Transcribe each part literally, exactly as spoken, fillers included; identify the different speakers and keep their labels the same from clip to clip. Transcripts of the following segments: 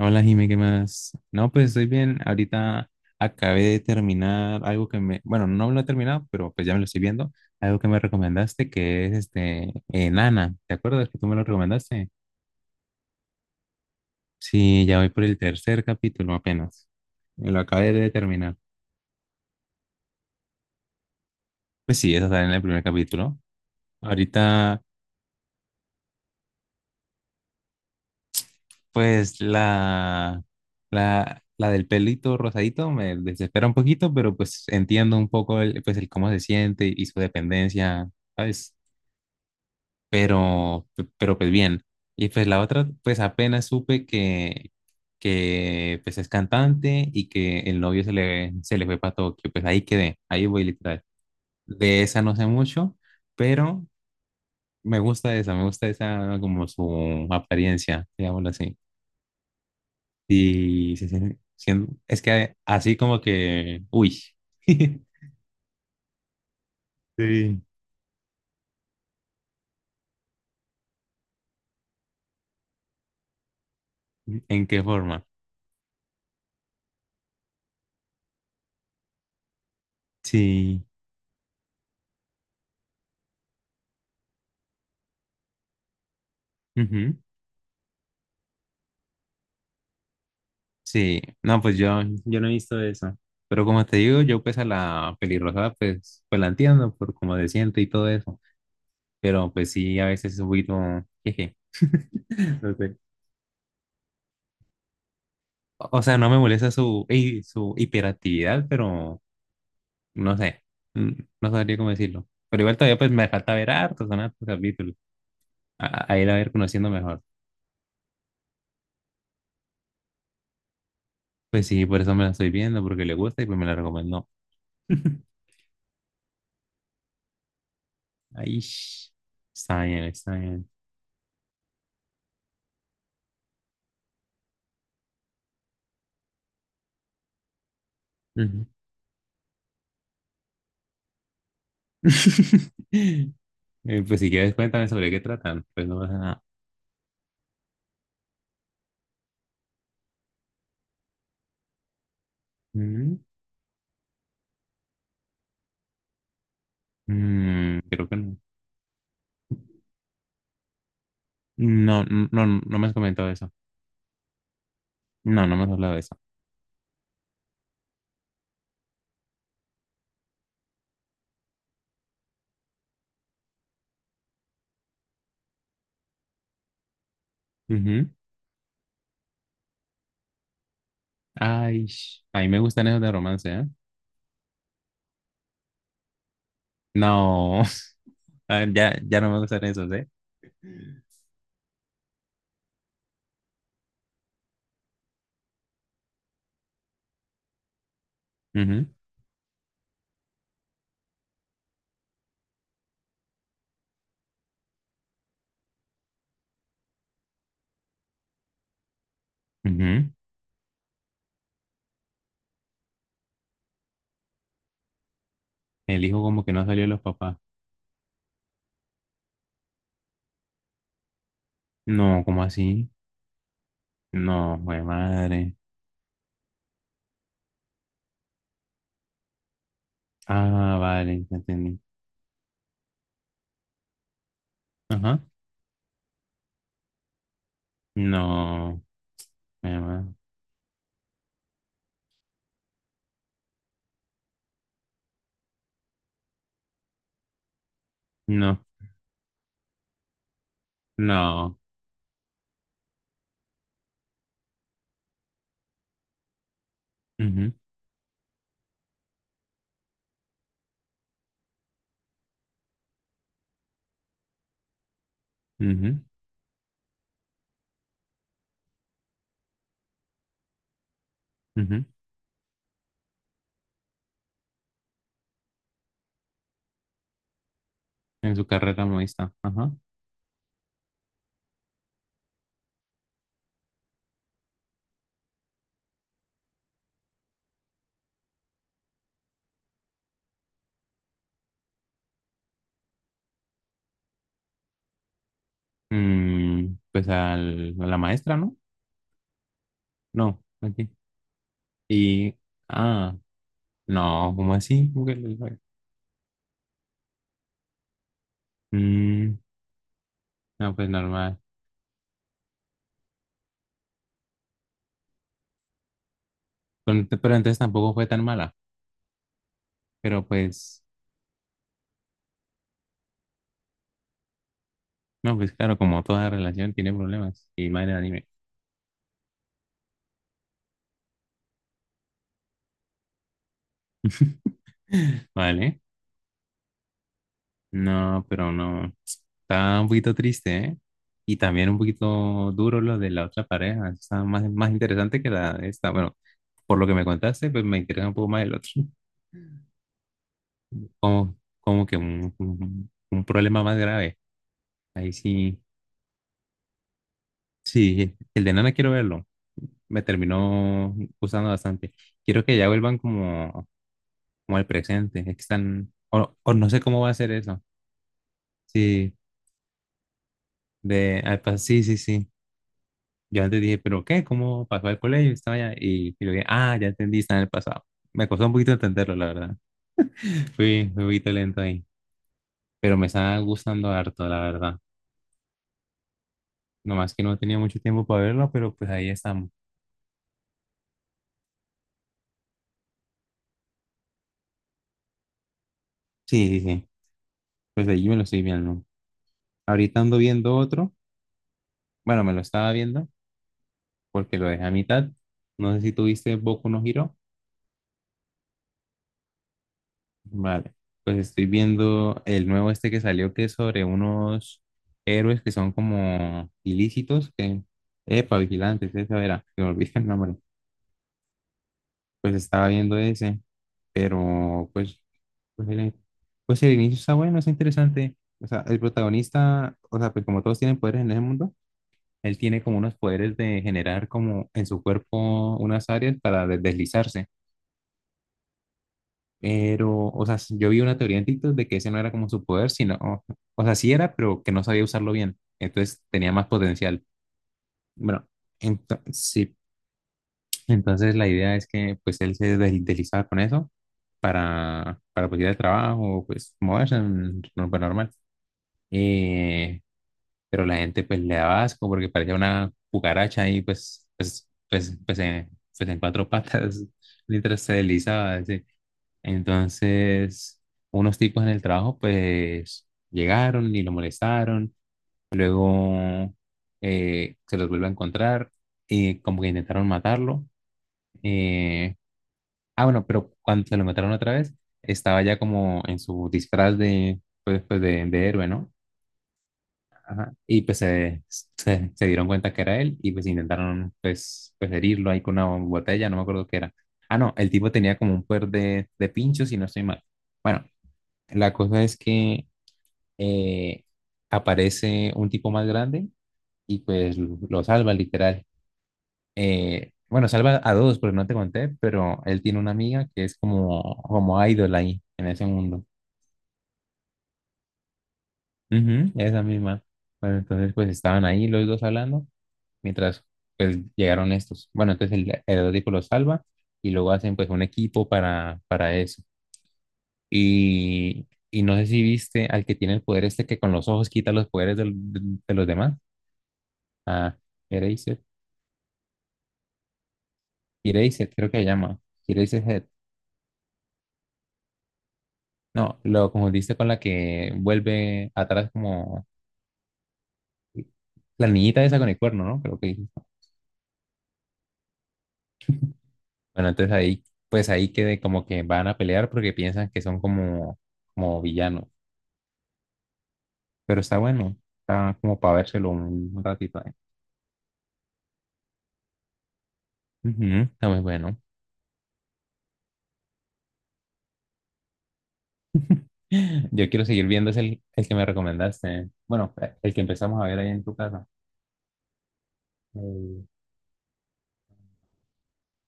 Speaker 1: Hola, Jime, ¿qué más? No, pues estoy bien. Ahorita acabé de terminar algo que me, bueno, no lo he terminado, pero pues ya me lo estoy viendo. Algo que me recomendaste que es este eh, Nana. ¿Te acuerdas que tú me lo recomendaste? Sí, ya voy por el tercer capítulo apenas. Me lo acabé de terminar. Pues sí, eso está en el primer capítulo. Ahorita, pues la, la, la del pelito rosadito me desespera un poquito, pero pues entiendo un poco el, pues el cómo se siente y su dependencia, ¿sabes? Pero, pe- pero pues bien. Y pues la otra, pues apenas supe que, que pues es cantante y que el novio se le, se le fue para Tokio, pues ahí quedé, ahí voy literal. De esa no sé mucho, pero me gusta esa, me gusta esa como su apariencia, digámoslo así. Y se sien- sien- es que así como que, uy. Sí. ¿En qué forma? Sí. Sí, no, pues yo, yo no he visto eso. Pero como te digo, yo pues a la pelirroja pues, pues la entiendo por cómo se siente y todo eso. Pero pues sí, a veces es un poquito, jeje. No sé. O sea, no me molesta su, hi- su hiperactividad, pero no sé, mm, no sabría cómo decirlo. Pero igual todavía pues me falta ver hartos, son hartos capítulos. A, a ir a ver conociendo mejor. Pues sí, por eso me la estoy viendo, porque le gusta y pues me la recomendó. Ay, está bien, está bien. Ujú. Eh, pues si quieres, cuéntame sobre qué tratan. Pues no pasa nada. Mm, mm, creo que no. No, n- no, no me has comentado eso. No, no me has hablado de eso. Ujú. Ay, sh- a mí me gustan esos de romance, ¿eh? No, ah, ya, ya no me gustan esos, ¿eh? Ujú, ujú. El hijo como que no salió de los papás. No, ¿cómo así? No, jue madre. Ah, vale, ya entendí. Ajá. No, jue ma- no, no. Ujú, ujú, ujú. En su carrera modista. Ajá. Mm, pues al- a la maestra, ¿no? No, aquí. Y, ah, no, ¿cómo así? ¿Cómo que le- fue? Mm, no, pues normal. Pero, ent- pero entonces tampoco fue tan mala. Pero pues, no, pues claro, como toda relación tiene problemas. Y madre de anime. Vale. No, pero no. Está un poquito triste, ¿eh? Y también un poquito duro lo de la otra pareja. Está más, más interesante que la de esta. Bueno, por lo que me contaste, pues me interesa un poco más el otro. Como, como que un, un- un problema más grave. Ahí sí, sí, el de Nana quiero verlo. Me terminó gustando bastante. Quiero que ya vuelvan como, como al presente. Es que están, o, o no sé cómo va a ser eso. Sí, de, ah, pa- sí, sí, sí. Yo antes dije, ¿pero qué? ¿Cómo pasó al colegio? Estaba allá y, y luego, ah, ya entendí, está en el pasado. Me costó un poquito entenderlo, la verdad. Fui, fui un poquito lento ahí. Pero me está gustando harto, la verdad. Nomás que no tenía mucho tiempo para verlo, pero pues ahí estamos. Sí, sí, sí. Pues allí me lo estoy viendo. Ahorita ando viendo otro. Bueno, me lo estaba viendo porque lo dejé a mitad. No sé si tuviste Boku no Hero. Vale. Pues estoy viendo el nuevo este que salió que es sobre unos héroes que son como ilícitos que... Epa, vigilantes, esa era. Se me olvidé el nombre. Pues estaba viendo ese, pero pues, pues el, pues el inicio está bueno, es interesante. O sea, el protagonista, o sea, pues como todos tienen poderes en ese mundo. Él tiene como unos poderes de generar como en su cuerpo unas áreas para de- deslizarse. Pero, o sea, yo vi una teoría en TikTok de que ese no era como su poder, sino, o o sea, sí era, pero que no sabía usarlo bien. Entonces tenía más potencial. Bueno, ento- sí. Entonces la idea es que pues él se des- deslizaba con eso para, para pues ir al trabajo, pues moverse, mm, no, pues, normal. Eh, pero la gente pues le daba asco porque parecía una cucaracha y pues, pues, pues, pues, en, pues en cuatro patas mientras se deslizaba. Así. Entonces, unos tipos en el trabajo pues llegaron y lo molestaron, luego eh, se los vuelve a encontrar y como que intentaron matarlo. eh, ah, bueno, pero cuando se lo mataron otra vez, estaba ya como en su disfraz de, pues, pues de, de héroe, ¿no? Ajá. Y pues se, se, se dieron cuenta que era él y pues intentaron pues, pues herirlo ahí con una botella, no me acuerdo qué era. Ah, no, el tipo tenía como un poder de, de pinchos si no estoy mal. Bueno, la cosa es que eh, aparece un tipo más grande y pues lo lo salva literal. Eh, bueno, salva a dos, porque no te conté, pero él tiene una amiga que es como, como idol ahí en ese mundo. Ujú, esa misma. Bueno, entonces pues estaban ahí los dos hablando mientras pues llegaron estos. Bueno, entonces el Heródico lo salva y luego hacen pues un equipo para, para eso. Y, y no sé si viste al que tiene el poder este que con los ojos quita los poderes del- de, de los demás. Ah, Eraser. Eraser, creo que se llama. Eraser. No, lo confundiste con la que vuelve atrás como la niñita esa con el cuerno, ¿no? Creo que dijiste. Bueno, entonces ahí, pues ahí quede como que van a pelear porque piensan que son como, como villanos. Pero está bueno. Está como para vérselo un un ratito ahí. Ujú, está muy bueno. Yo quiero seguir viendo es el, el que me recomendaste. Bueno, eh, el que empezamos a ver ahí en tu casa. Eh,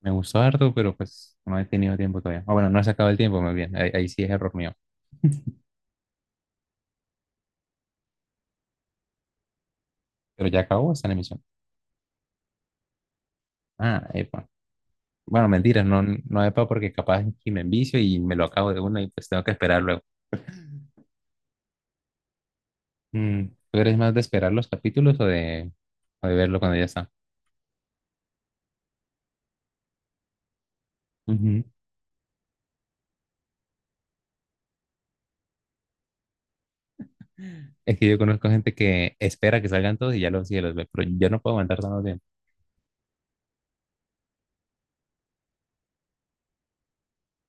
Speaker 1: me gustó harto, pero pues no he tenido tiempo todavía. Ah, bueno, no he sacado el tiempo, más bien. Ahí, ahí sí es error mío. Pero ya acabó esta emisión. Ah, epa. Bueno, mentira, no, no epa porque capaz que me envicio y me lo acabo de una y pues tengo que esperar luego. Mm, ¿tú eres más de esperar los capítulos o de, o de verlo cuando ya está? Ujú. Es que yo conozco gente que espera que salgan todos y ya los, sí, los ve, pero yo no puedo aguantar tanto tiempo.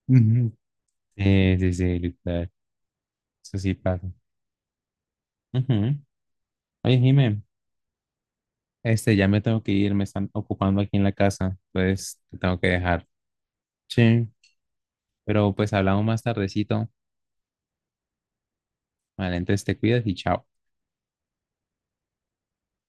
Speaker 1: Ujú. Sí, sí, sí, literal. Eso sí pasa. Ujú. Oye, Jimé, este, ya me tengo que ir, me están ocupando aquí en la casa, pues te tengo que dejar. Sí. Pero pues hablamos más tardecito. Vale, entonces te cuidas y chao.